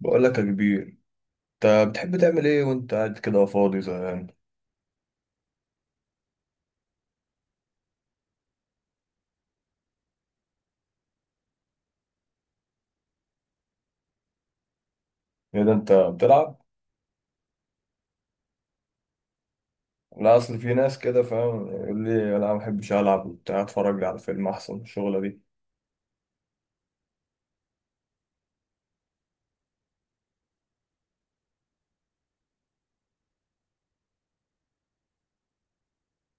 بقول لك يا كبير، انت بتحب تعمل ايه وانت قاعد كده فاضي زهقان؟ ايه ده انت بتلعب؟ لا، اصل في ناس كده فاهم يقول لي انا ما بحبش العب وبتاع اتفرج لي على فيلم احسن من الشغله دي.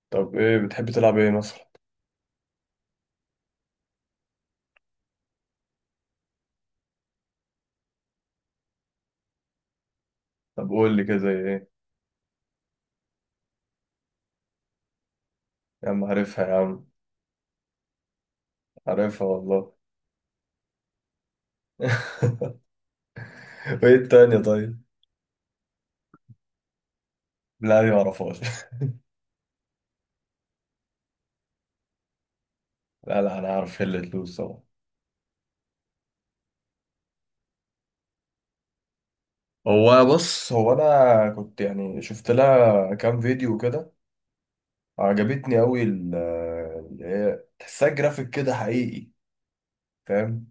طب ايه بتحب تلعب ايه مثلا؟ طب قول لي كده زي ايه؟ يا عم عارفها يا عم. عارفها والله. وايه التانية طيب؟ لا، دي ما اعرفهاش. لا، لا، انا عارف هي اللي تلوز طبعا. هو بص، هو انا كنت يعني شفت لها كام فيديو كده. عجبتني قوي، اللي هي تحسها جرافيك كده حقيقي. فاهم.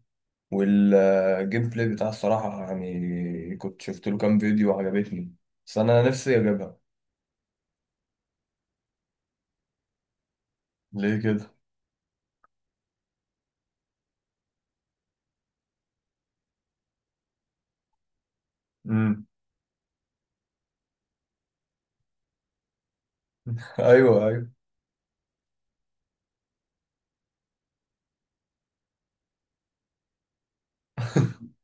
والجيم بلاي بتاعها الصراحة، يعني كنت شفت له كام فيديو وعجبتني. بس أنا نفسي أجيبها. ليه كده؟ امم. أيوه، أيوه.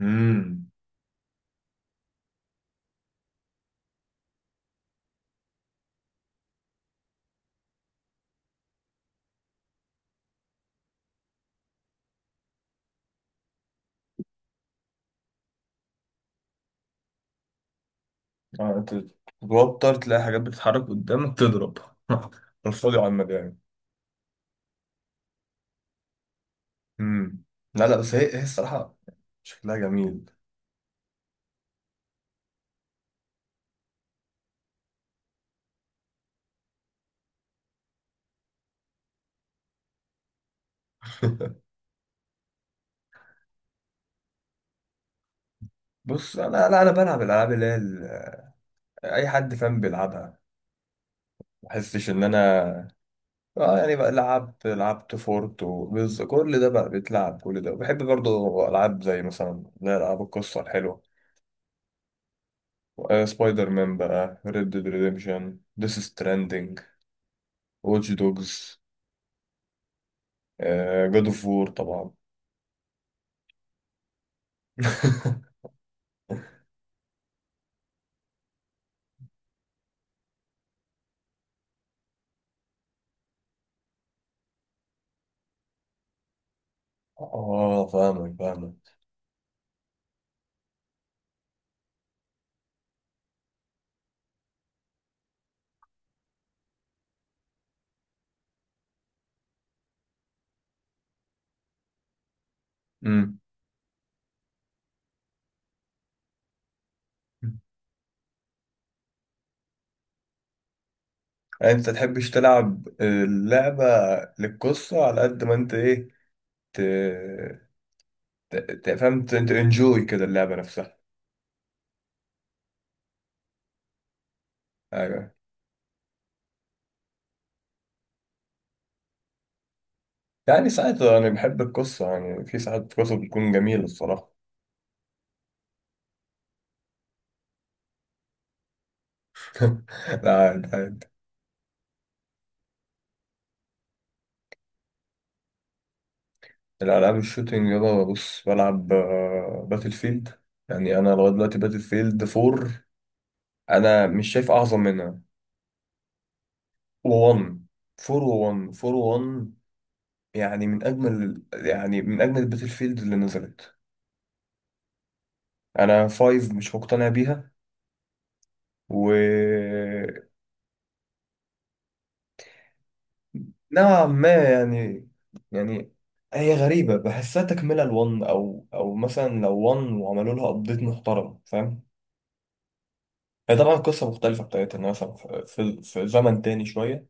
امم. آه، أنت تتوتر تلاقي حاجات بتتحرك قدامك تضرب. الفاضي على المجال. امم. لا، لا، بس هي الصراحة. شكلها جميل. بص انا، لا انا بلعب الالعاب اللي هي اي حد فاهم بيلعبها. ما احسش ان انا. اه، يعني بقى لعبت فورت وبز كل ده بقى بيتلعب، كل ده بحب برضه العاب زي مثلا لا العاب القصه الحلوه. آه، سبايدر مان بقى، ريد ديد ريديمشن، ديس ستراندنج، واتش دوجز، جاد اوف وور طبعا. اه، فاهمك فاهمك. امم. انت تحبش تلعب اللعبه للقصه على قد ما انت ايه، ت... فهمت انت انجوي كده اللعبه نفسها. ايوه. يعني ساعات، يعني بحب القصة، يعني في ساعات قصة بتكون جميلة الصراحة. لا، لا. الألعاب الشوتينج يابا، بص بلعب باتل فيلد. يعني أنا لغاية دلوقتي باتل فيلد 4. أنا مش شايف أعظم منها. و1، 4، و1، 4، و1. يعني من أجمل الباتل فيلد اللي نزلت. أنا 5 مش مقتنع بيها. و. نوعا ما يعني. هي غريبة بحسها تكملة لون أو مثلا لو ون وعملوا لها أبديت محترم، فاهم. هي طبعا قصة مختلفة بتاعتها، إنها مثلا في زمن تاني شوية.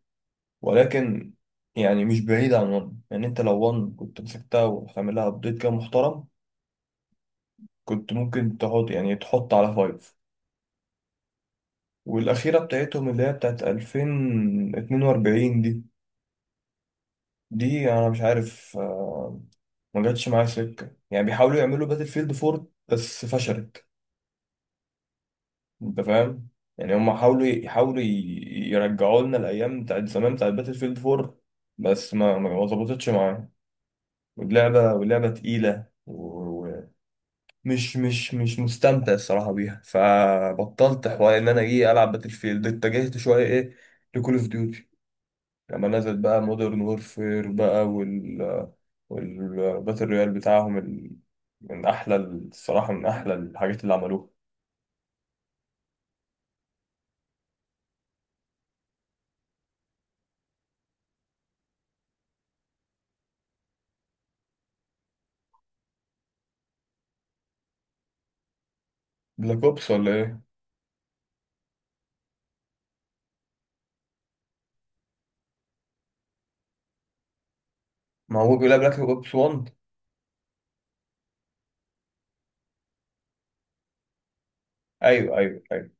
ولكن، يعني مش بعيدة عن ون، يعني أنت لو ون كنت مسكتها وعامل لها أبديت كده محترم. كنت ممكن تحط على فايف. والأخيرة بتاعتهم اللي هي بتاعت 2042 دي. أنا مش عارف. ما جاتش معايا سكة، يعني بيحاولوا يعملوا باتل فيلد 4 بس فشلت. انت فاهم. يعني هم حاولوا، يرجعوا لنا الايام بتاعت زمان بتاعت باتل فيلد 4. بس ما ظبطتش معايا. واللعبة تقيلة، ومش مش مش مش مستمتع الصراحة بيها، فبطلت حوار ان انا ايه العب باتل فيلد، اتجهت شوية ايه. لكول اوف ديوتي. لما نزلت بقى مودرن وورفير بقى، والباتل رويال بتاعهم من أحلى الصراحة، من أحلى الحاجات اللي عملوها. بلاك أوبس ولا إيه؟ ما هو بيقول بلاك أوبس 1. أيوه، أيوه، أيوه.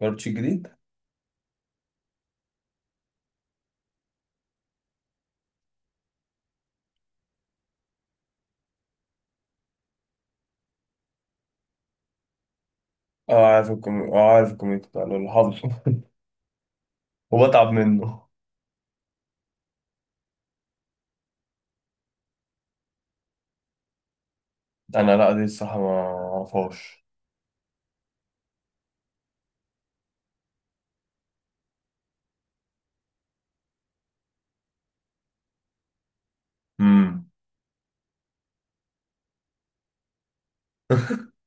بارتش الجديد؟ أه عارف الكوميك، بتاع اللي حافظه. وبتعب منه. أنا لأ، دي الصراحة ما أعرفهاش. أمم.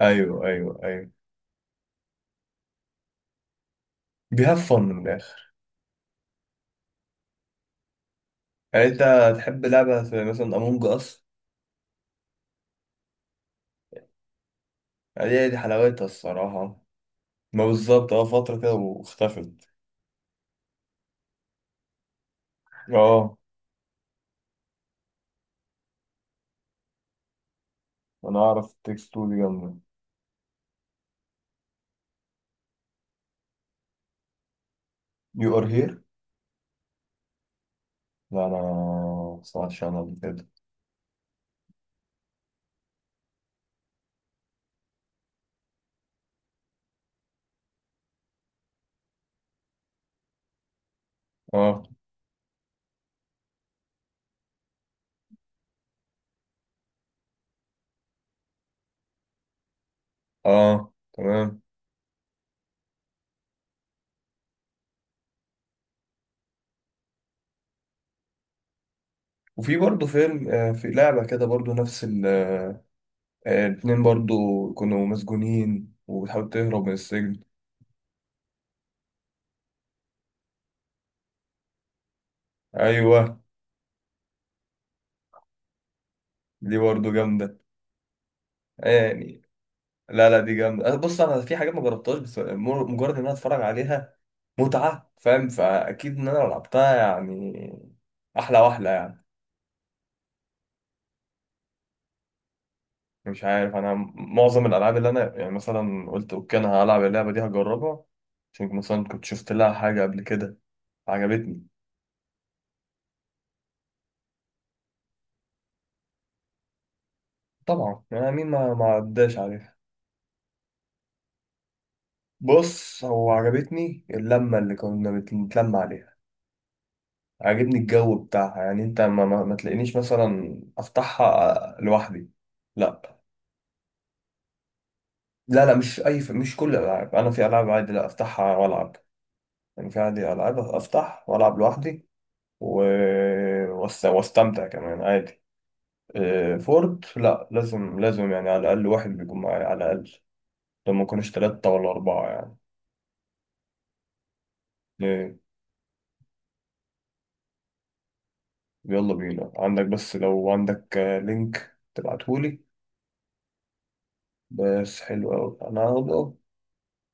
أيوه، أيوه، أيوه. بيهاف فن من الآخر. يعني أنت تحب لعبة زي مثلا أمونج أس؟ يعني دي حلاوتها الصراحة. ما بالظبط اه، فترة كده واختفت. اه، انا اعرف التكست تو دي جامدة. يو ار هير. لا، انا ما سمعتش عنها قبل كده. اه. اه، تمام. وفي برضه فيلم، في لعبة كده برضه نفس ال، الاتنين برضه كانوا مسجونين وبتحاول تهرب من السجن. ايوه. دي برضه جامدة. يعني، لا، لا، دي جامدة، بص انا في حاجات ما جربتهاش بس مجرد ان انا اتفرج عليها. متعة، فاهم، فاكيد ان انا لو لعبتها يعني. احلى واحلى يعني. مش عارف، انا معظم الالعاب اللي انا يعني مثلا قلت اوكي انا هلعب اللعبه دي هجربها. عشان مثلا كنت شفت لها حاجه قبل كده عجبتني. طبعا يعني مين ما عداش عليها. بص، هو عجبتني اللمه اللي كنا بنتلم عليها. عجبني الجو بتاعها، يعني انت ما تلاقينيش مثلا افتحها لوحدي. لا. لا، لا، مش اي مش كل الالعاب، انا في العاب عادي لا افتحها والعب. يعني في عادي العاب افتح والعب لوحدي. و... واستمتع كمان عادي. فورد لا، لازم لازم يعني على الأقل واحد بيكون معايا على الأقل. لما يكونوش تلاتة ولا أربعة يعني. إيه، يلا بينا عندك، بس لو عندك لينك تبعتهولي. بس حلو أوي أنا هبقى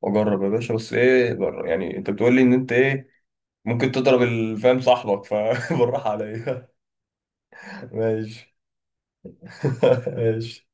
أجرب يا باشا، بس إيه يعني أنت بتقولي إن أنت إيه. ممكن تضرب الفام صاحبك فبالراحة عليا. ماشي. ماشي.